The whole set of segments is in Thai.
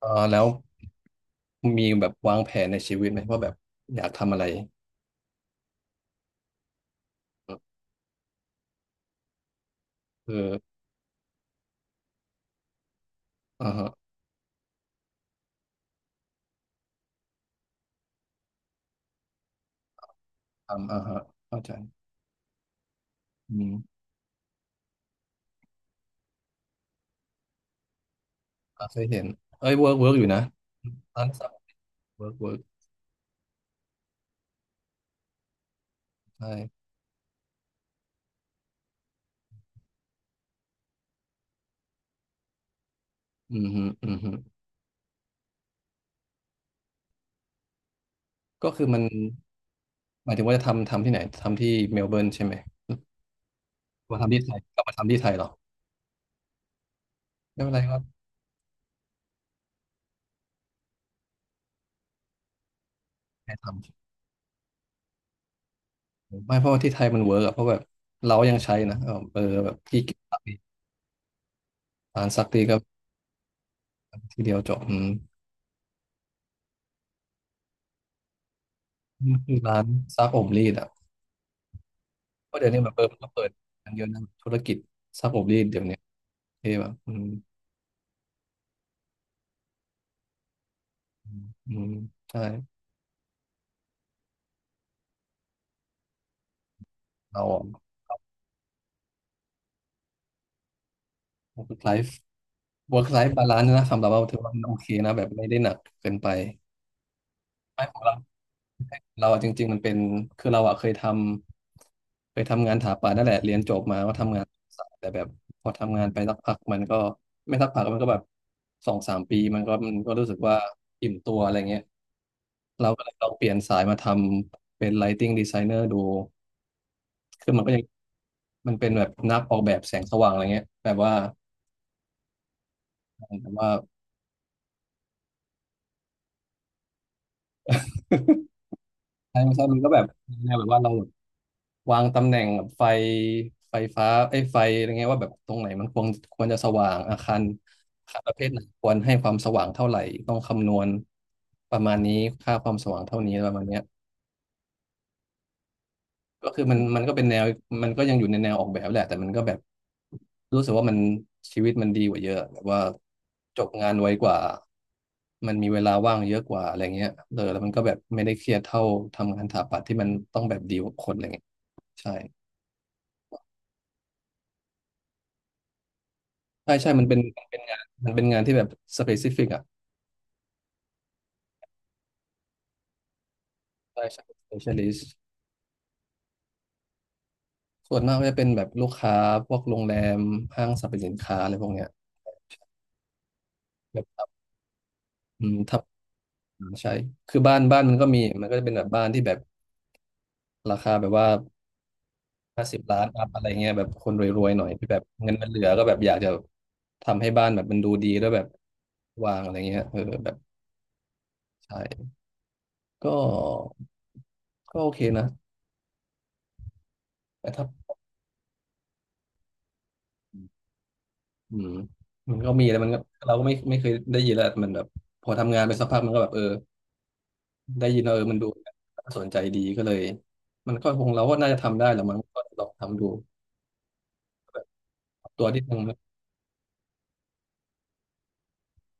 เออแล้วมีแบบวางแผนในชีวิตไหมว่าแบบอยากทำอะไรคืออ่าฮะทำอ่าฮะเข้าใจอืมอ่าเคยเห็นเอ้ยเวิร์กเวิร์กอยู่นะร้านสับเวิร์กเวิร์กใช่อืมฮึอืมฮึก็คือมันหมายถึงว่าจะทำที่ไหนทำที่เมลเบิร์นใช่ไหมมาทำที่ไทยกลับมาทำที่ไทยเหรอไม่เป็นไรครับให้ทำไม่เพราะว่าที่ไทยมันเวิร์กอะเพราะแบบเรายังใช้นะเออเออแบบที่เก็บซักรีดร้านซักรีดก็ที่เดียวจบอืมมันคือร้านซักอบรีดอะ เพราะเดี๋ยวนี้แบบเออมันก็เปิดกันเยอะนะธุรกิจซักอบรีดเดี๋ยวนี้ที่แบบอืมอืมอืมใช่เราอะ work life work life balance นะสำหรับเราถือว่ามันโอเคนะแบบไม่ได้หนักเกินไปไม่ของเราเราอะจริงๆมันเป็นคือเราอะเคยทำงานถาปานั่นแหละเรียนจบมาก็ทำงานสายแต่แบบพอทำงานไปสักพักมันก็ไม่สักพักมันก็แบบสองสามปีมันก็รู้สึกว่าอิ่มตัวอะไรเงี้ยเราก็เลยลองเปลี่ยนสายมาทำเป็น Lighting Designer ดู คือมันก็ยังมันเป็นแบบนักออกแบบแสงสว่างอะไรเงี้ยแบบว่าแบบว่าใช่ไม่ ใช่มันก็แบบแนวแบบว่าเราแบบวางตำแหน่งไฟไฟฟ้าไอ้ยไฟอะไรเงี้ยว่าแบบตรงไหนมันควรจะสว่างอาคารอาคารประเภทไหนควรให้ความสว่างเท่าไหร่ต้องคำนวณประมาณนี้ค่าความสว่างเท่านี้ประมาณเนี้ย ก็คือมันก็เป็นแนวมันก็ยังอยู่ในแนวออกแบบแหละแต่มันก็แบบรู้สึกว่ามันชีวิตมันดีกว่าเยอะแบบว่าจบงานไวกว่ามันมีเวลาว่างเยอะกว่าอะไรเงี้ยเออแล้วมันก็แบบไม่ได้เครียดเท่าทำงานสถาปัตย์ที่มันต้องแบบดีลกับคนอะไรเงี้ยใช่ใช่ใช่มันเป็นงานมันเป็นงานที่แบบสเปซิฟิกอ่ะใช่ใช่ specialist ส่วนมากก็จะเป็นแบบลูกค้าพวกโรงแรมห้างสรรพสินค้าอะไรพวกเนี้ยแบบอืมทำใช่คือบ้านบ้านมันก็มีมันก็จะเป็นแบบบ้านที่แบบ ราคาแบบว่า50 ล้านอัพอะไรเงี้ยแบบคนรวยๆหน่อยที่แบบเงินมันเหลือก็แบบอยากจะทำให้บ้านแบบมันดูดีแล้วแบบวางอะไรเงี้ยเออแบบใช่ก็ก็โอเคนะแต่ถ้าอืมมันก็มีแล้วมันก็เราก็ไม่เคยได้ยินแล้วมันแบบพอทำงานไปสักพักมันก็แบบเออได้ยินแล้วเออมันดูน่าสนใจดีก็เลยมันก็คงเราก็น่าจะทำได้แหละมั้งก็ลองทำดูตัวที่ยังไม่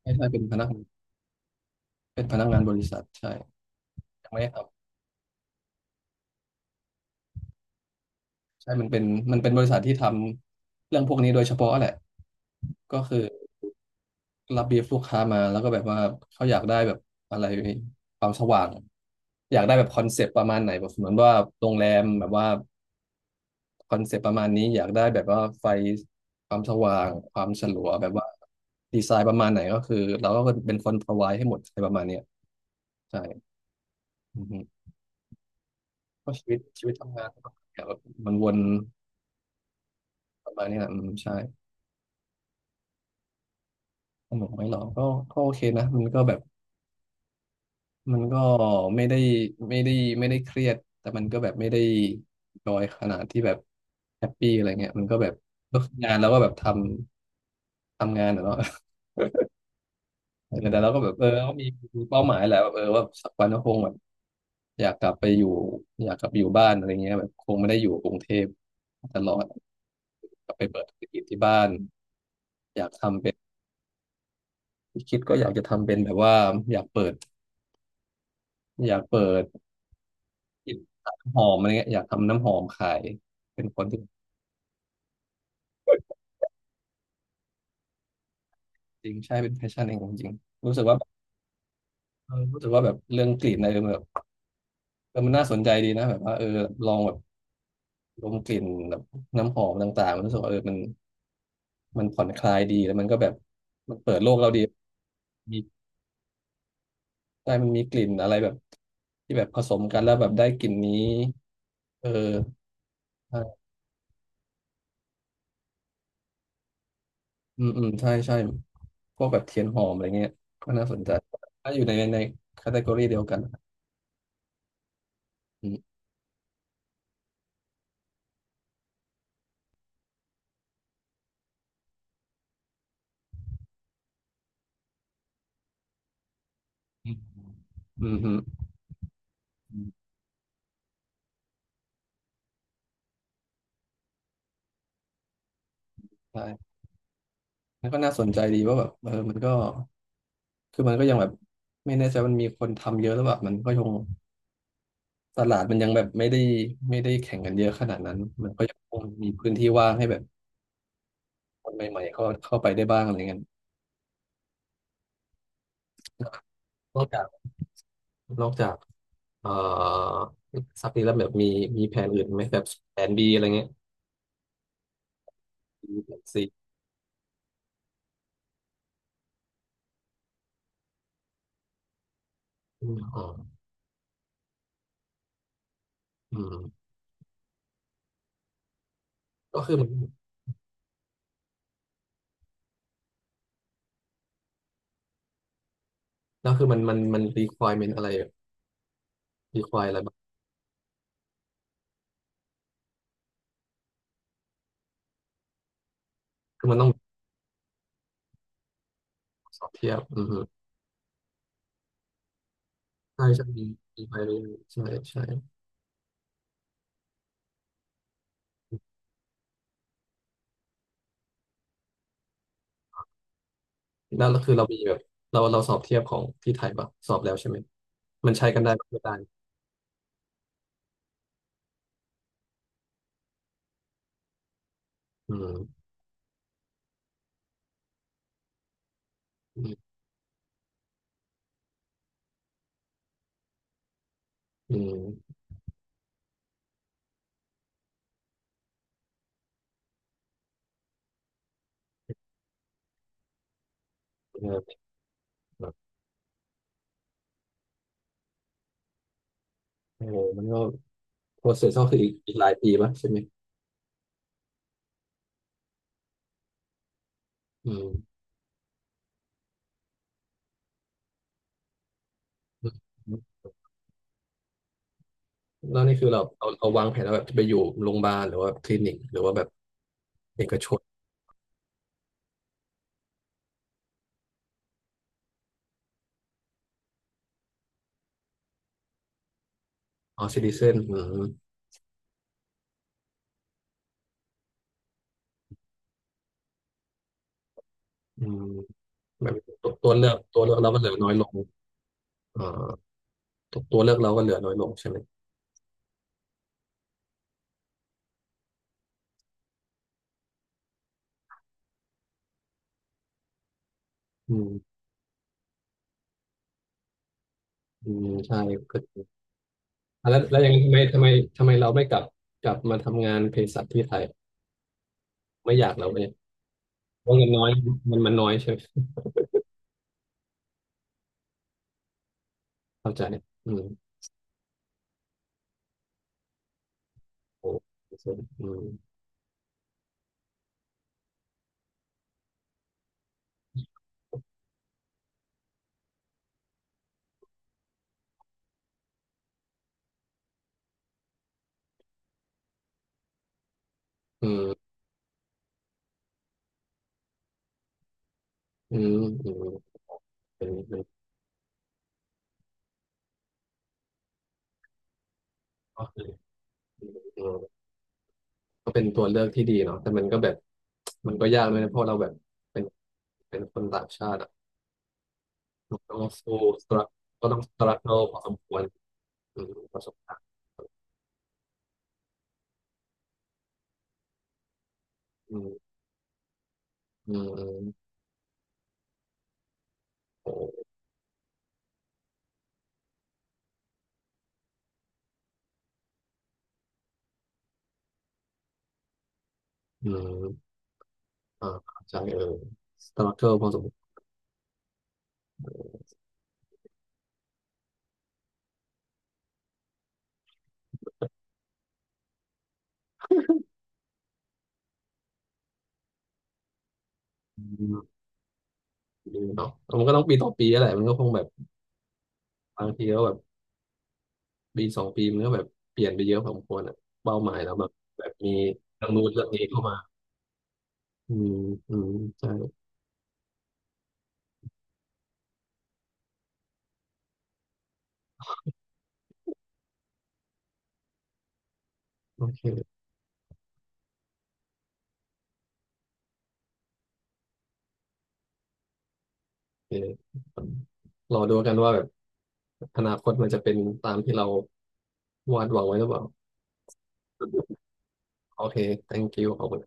ใช่เป็นพนักเป็นพนักงานบริษัทใช่ยังไม่ได้ท ใช่มันเป็นบริษัทที่ทำเรื่องพวกนี้โดยเฉพาะแหละก็คือรับบีฟลูกค้ามาแล้วก็แบบว่าเขาอยากได้แบบอะไรความสว่างอยากได้แบบคอนเซปต์ประมาณไหนแบบเหมือนว่าโรงแรมแบบว่าคอนเซปต์ประมาณนี้อยากได้แบบว่าไฟความสว่างความฉลัวแบบว่าดีไซน์ประมาณไหนก็คือเราก็เป็นคน provide ให้หมดอะไรประมาณเนี้ยใช่อือฮึก็ชีวิตชีวิตทำงานก็แบบมันวนประมาณนี้แหละอืมใช่สนุกไหมหรอก็ก็โอเคนะมันก็แบบ มันก็ไม่ได้ไม่ได้ไม่ได้เครียดแต่มันก็แบบไม่ได้จอยขนาดที่แบบแฮปปี้อะไรเงี้ยมันก็แบบก็คืองานแล้วก็แบบทำงานอะเนาะ เออแต่เราก็แบบเออก็มีเป้าหมายแหละแบบเออว่าสักวันก็คงแบบอยากกลับไปอยู่อยากกลับไปอยู่บ้านอะไรเงี้ยแบบคงไม่ได้อยู่กรุงเทพตลอดกลับไปเปิดธุรกิจที่บ้านอยากทำเป็นคิดก็อยากจะทำเป็นแบบว่าอยากเปิดอยากเปิด กลิ่นหอมอะไรเงี้ยอยากทำน้ำหอมขายเป็นคนที่จริงใช่เป็นแพชชั่นเองจริงๆรู้สึกว่าเออรู้สึกว่าแบบเรื่องกลิ่นอะไรแบบเออมันน่าสนใจดีนะแบบว่าเออลองแบบดมกลิ่นแบบน้ำหอมต่างๆมันรู้สึกว่าเออมันผ่อนคลายดีแล้วมันก็แบบมันเปิดโลกเราดีมีได้มันมีกลิ่นอะไรแบบที่แบบผสมกันแล้วแบบได้กลิ่นนี้เออใช่อืมอืมใช่ใช่พวกแบบเทียนหอมอะไรเงี้ยก็น่าสนใจถ้าอยู่ในในแคตตา o r y เดียวกัน อืมฮึอืมใช่แล้วก็น่าสนใจดีว่าแบบเออมันก็คือมันก็ยังแบบไม่แน่ใจมันมีคนทำเยอะแร้วแบบมันก็ยังตลาดมันยังแบบไม่ได้แข่งกันเยอะขนาดนั้นมันก็ยังคงมีพื้นที่ว่างให้แบบคนใหม่ๆเข้าไปได้บ้างอะไรเงี้ยนอกจากนอกจากเอ่อซักนี้แล้วแบบมีแผนอื่นไหมแบบแผนบีอะไรเงี้ยมแผนซีอมอ๋ออืมก็คือมันก็คือมันรีควอร e เมนอะไรรีควอรอะไรบ้างคือมันต้อง สอบเทียบอือฮึใช่ใช่มีมีไปเรื่อยๆใช่ใช่นั่นก็คือเรามีแบบเราสอบเทียบของที่ไทยปะสอบแล้วใช่ไหม มันใช้กันได้ปะไม่ได้อืมอืมอืมเออแบบโอ้โหมันก็โปรเซสก็คืออีกหลายปีปะใช่ไหมอืมอืมแล้วนี่คือเราวางแผนแล้วแบบจะไปอยู่โรงพยาบาลหรือว่าคลินิกหรือว่าแบบเอกชนอ๋อซิติเซนอืมอืมแบบตัวเลือกตัวเลือกเราก็เหลือน้อยลงเอ่อตัวเลือกเราก็เหลือน้อยลงใช่ไหมอืม อืมใช่ก็จริงอ่ะแล้วแล้วยังทำไมเราไม่กลับกลับมาทำงานเภสัชที่ไทยไม่อยากเราเนี่ยว่าะเงินน้อยมันน้อยใช่ไหมเข้าใจอืมโอ้อืมอืมอืมอืมเป็นก็คืออืมก็เป็นตัวเลือกที่ดีเนาะแต่มันก็แบบมันก็ยากเลยนะเพราะเราแบบเป็นคนต่างชาติอ่ะมันต้องสู้สตรัคก็ต้องสตรัคเกิลพอสมควรอืมประสบการณ์อืมอืมอืมโอ้อืม อ่าใช่เออสตาร์เกิพอสมควรอืมดีเนาะมันก็ต้องปีต่อปีแหละมันก็คงแบบบางทีก็แบบปีสองปีมันก็แบบเปลี่ยนไปเยอะพอสมควรอ่ะเป้าหมายแล้วแบบแบบมีทางนู้นเรื่องนี้เข้ามาอืมอืมใช่โอเคโอเครอดูกันว่าแบบอนาคตมันจะเป็นตามที่เราวาดหวังไว้หรือเปล่าโอเค thank you ขอบคุณ